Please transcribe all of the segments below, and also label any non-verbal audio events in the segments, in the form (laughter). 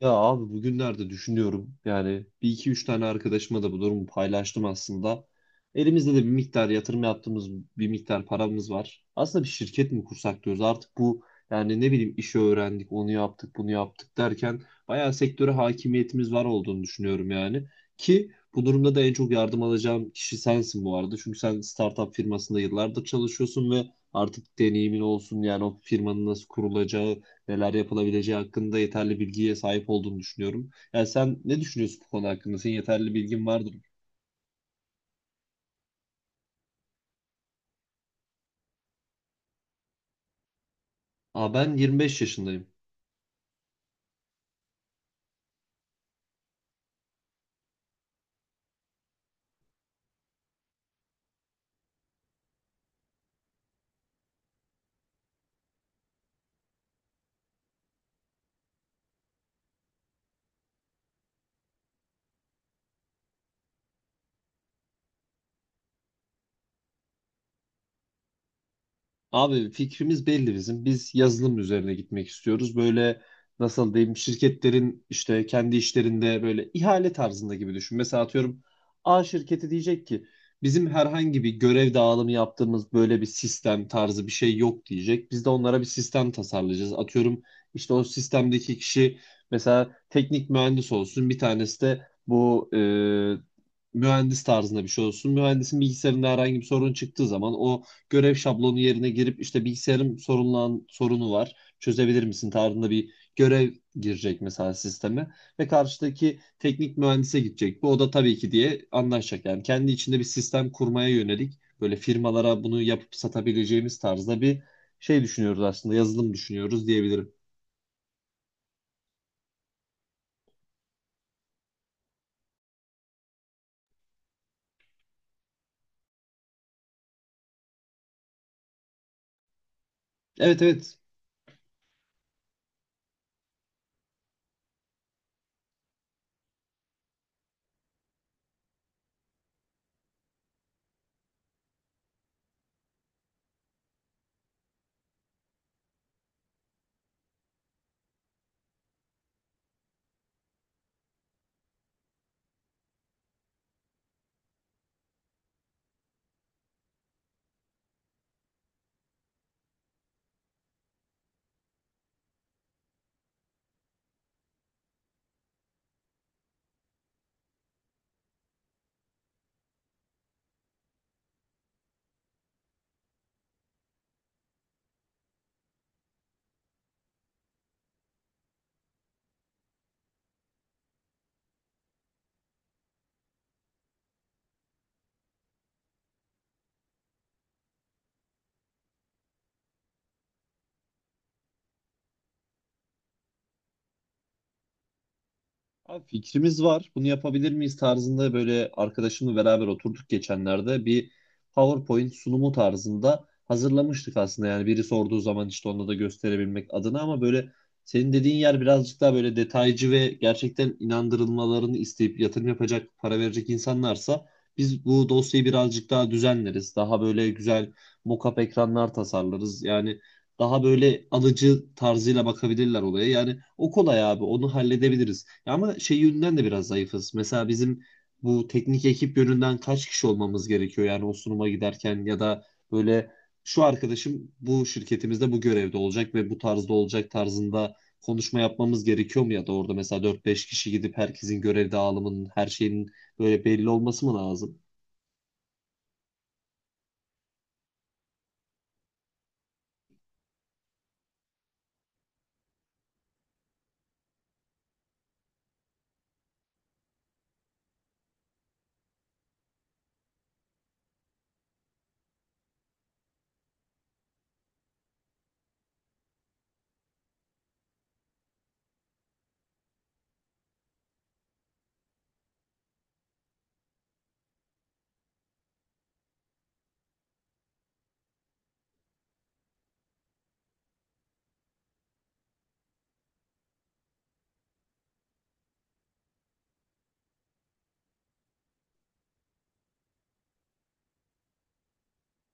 Ya abi, bugünlerde düşünüyorum yani. Bir iki üç tane arkadaşıma da bu durumu paylaştım aslında. Elimizde de bir miktar yatırım yaptığımız bir miktar paramız var. Aslında bir şirket mi kursak diyoruz artık bu. Yani ne bileyim, işi öğrendik, onu yaptık, bunu yaptık derken bayağı sektöre hakimiyetimiz var olduğunu düşünüyorum yani. Ki bu durumda da en çok yardım alacağım kişi sensin bu arada. Çünkü sen startup firmasında yıllardır çalışıyorsun ve artık deneyimin olsun. Yani o firmanın nasıl kurulacağı, neler yapılabileceği hakkında yeterli bilgiye sahip olduğunu düşünüyorum. Yani sen ne düşünüyorsun bu konu hakkında? Senin yeterli bilgin vardır. Aa, ben 25 yaşındayım. Abi fikrimiz belli bizim. Biz yazılım üzerine gitmek istiyoruz. Böyle nasıl diyeyim, şirketlerin işte kendi işlerinde böyle ihale tarzında gibi düşün. Mesela atıyorum, A şirketi diyecek ki bizim herhangi bir görev dağılımı yaptığımız böyle bir sistem tarzı bir şey yok diyecek. Biz de onlara bir sistem tasarlayacağız. Atıyorum, işte o sistemdeki kişi mesela teknik mühendis olsun. Bir tanesi de bu mühendis tarzında bir şey olsun. Mühendisin bilgisayarında herhangi bir sorun çıktığı zaman o görev şablonu yerine girip işte bilgisayarım sorunu var, çözebilir misin tarzında bir görev girecek mesela sisteme ve karşıdaki teknik mühendise gidecek. Bu o da tabii ki diye anlaşacak. Yani kendi içinde bir sistem kurmaya yönelik böyle firmalara bunu yapıp satabileceğimiz tarzda bir şey düşünüyoruz aslında. Yazılım düşünüyoruz diyebilirim. Evet, evet. Abi fikrimiz var. Bunu yapabilir miyiz tarzında böyle arkadaşımla beraber oturduk geçenlerde. Bir PowerPoint sunumu tarzında hazırlamıştık aslında. Yani biri sorduğu zaman işte onu da gösterebilmek adına, ama böyle senin dediğin yer birazcık daha böyle detaycı ve gerçekten inandırılmalarını isteyip yatırım yapacak, para verecek insanlarsa biz bu dosyayı birazcık daha düzenleriz. Daha böyle güzel mockup ekranlar tasarlarız. Yani daha böyle alıcı tarzıyla bakabilirler olaya. Yani o kolay abi, onu halledebiliriz. Ya ama şey yönünden de biraz zayıfız. Mesela bizim bu teknik ekip yönünden kaç kişi olmamız gerekiyor yani o sunuma giderken, ya da böyle şu arkadaşım bu şirketimizde bu görevde olacak ve bu tarzda olacak tarzında konuşma yapmamız gerekiyor mu, ya da orada mesela 4-5 kişi gidip herkesin görev dağılımının her şeyin böyle belli olması mı lazım?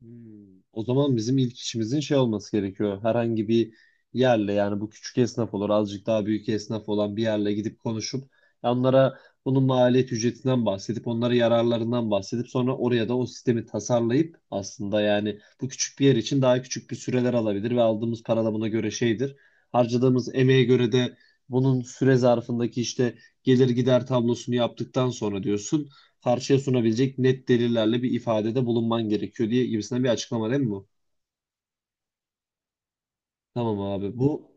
Hmm. O zaman bizim ilk işimizin şey olması gerekiyor. Herhangi bir yerle, yani bu küçük esnaf olur, azıcık daha büyük esnaf olan bir yerle gidip konuşup onlara bunun maliyet ücretinden bahsedip onlara yararlarından bahsedip sonra oraya da o sistemi tasarlayıp, aslında yani bu küçük bir yer için daha küçük bir süreler alabilir ve aldığımız para da buna göre şeydir. Harcadığımız emeğe göre de bunun süre zarfındaki işte gelir gider tablosunu yaptıktan sonra diyorsun karşıya sunabilecek net delillerle bir ifadede bulunman gerekiyor diye gibisinden bir açıklama değil mi bu? Tamam abi.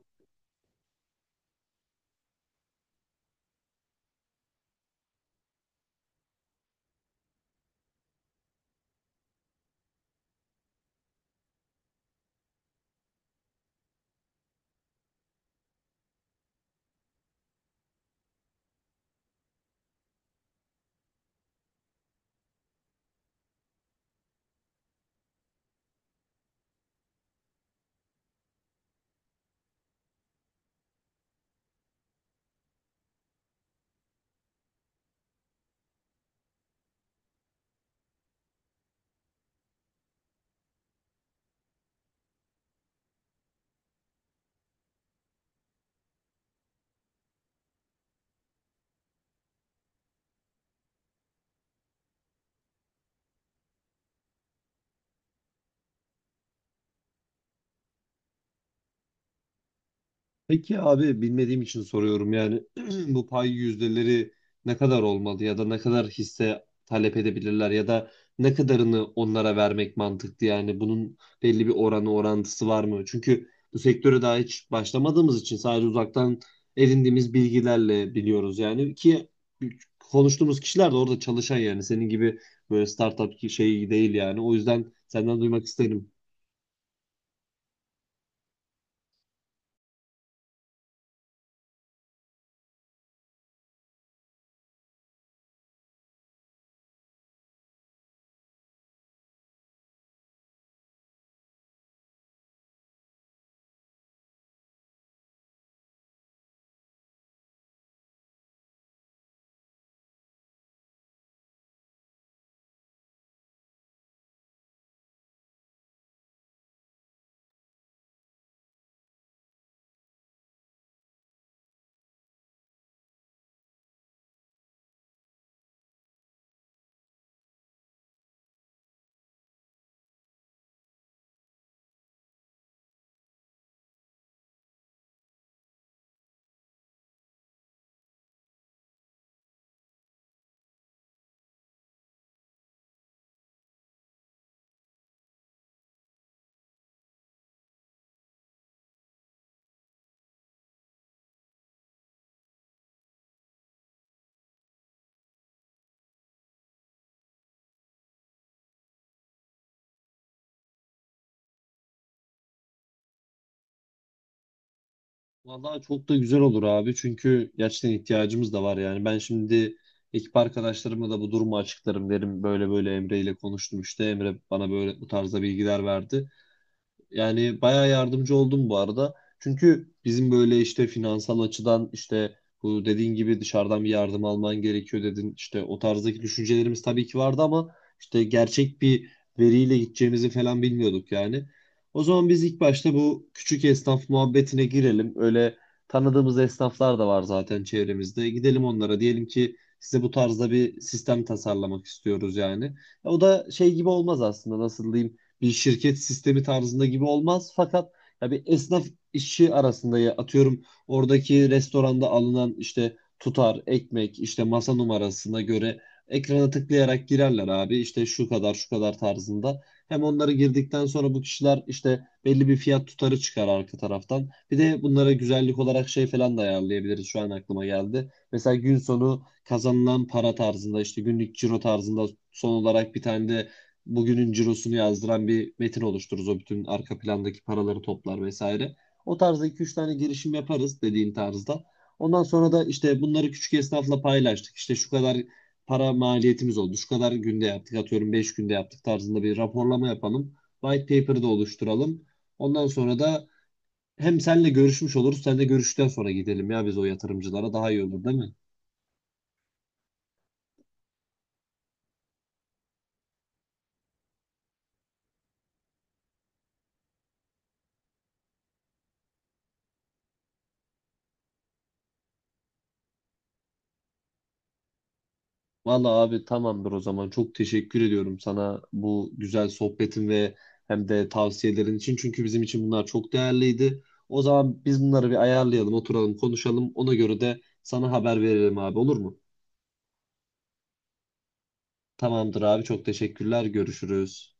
Peki abi, bilmediğim için soruyorum yani, (clears throat) bu pay yüzdeleri ne kadar olmalı ya da ne kadar hisse talep edebilirler ya da ne kadarını onlara vermek mantıklı, yani bunun belli bir oranı orantısı var mı? Çünkü bu sektöre daha hiç başlamadığımız için sadece uzaktan edindiğimiz bilgilerle biliyoruz yani, ki konuştuğumuz kişiler de orada çalışan yani senin gibi böyle startup şey değil, yani o yüzden senden duymak isterim. Vallahi çok da güzel olur abi, çünkü gerçekten ihtiyacımız da var yani. Ben şimdi ekip arkadaşlarıma da bu durumu açıklarım derim. Böyle böyle Emre ile konuştum işte, Emre bana böyle bu tarzda bilgiler verdi. Yani bayağı yardımcı oldum bu arada. Çünkü bizim böyle işte finansal açıdan işte bu dediğin gibi dışarıdan bir yardım alman gerekiyor dedin. İşte o tarzdaki düşüncelerimiz tabii ki vardı, ama işte gerçek bir veriyle gideceğimizi falan bilmiyorduk yani. O zaman biz ilk başta bu küçük esnaf muhabbetine girelim. Öyle tanıdığımız esnaflar da var zaten çevremizde. Gidelim onlara, diyelim ki size bu tarzda bir sistem tasarlamak istiyoruz yani. O da şey gibi olmaz aslında, nasıl diyeyim, bir şirket sistemi tarzında gibi olmaz. Fakat ya bir esnaf işi arasında, ya atıyorum, oradaki restoranda alınan işte tutar, ekmek, işte masa numarasına göre ekrana tıklayarak girerler abi. İşte şu kadar şu kadar tarzında. Hem onları girdikten sonra bu kişiler işte belli bir fiyat tutarı çıkar arka taraftan. Bir de bunlara güzellik olarak şey falan da ayarlayabiliriz. Şu an aklıma geldi. Mesela gün sonu kazanılan para tarzında, işte günlük ciro tarzında son olarak bir tane de bugünün cirosunu yazdıran bir metin oluştururuz. O bütün arka plandaki paraları toplar vesaire. O tarzda iki üç tane girişim yaparız dediğin tarzda. Ondan sonra da işte bunları küçük esnafla paylaştık, İşte şu kadar para maliyetimiz oldu, şu kadar günde yaptık. Atıyorum 5 günde yaptık tarzında bir raporlama yapalım. White paper'ı da oluşturalım. Ondan sonra da hem senle görüşmüş oluruz. Sen de görüşten sonra gidelim ya biz o yatırımcılara, daha iyi olur değil mi? Vallahi abi tamamdır o zaman. Çok teşekkür ediyorum sana bu güzel sohbetin ve hem de tavsiyelerin için. Çünkü bizim için bunlar çok değerliydi. O zaman biz bunları bir ayarlayalım, oturalım, konuşalım. Ona göre de sana haber veririm abi, olur mu? Tamamdır abi, çok teşekkürler. Görüşürüz.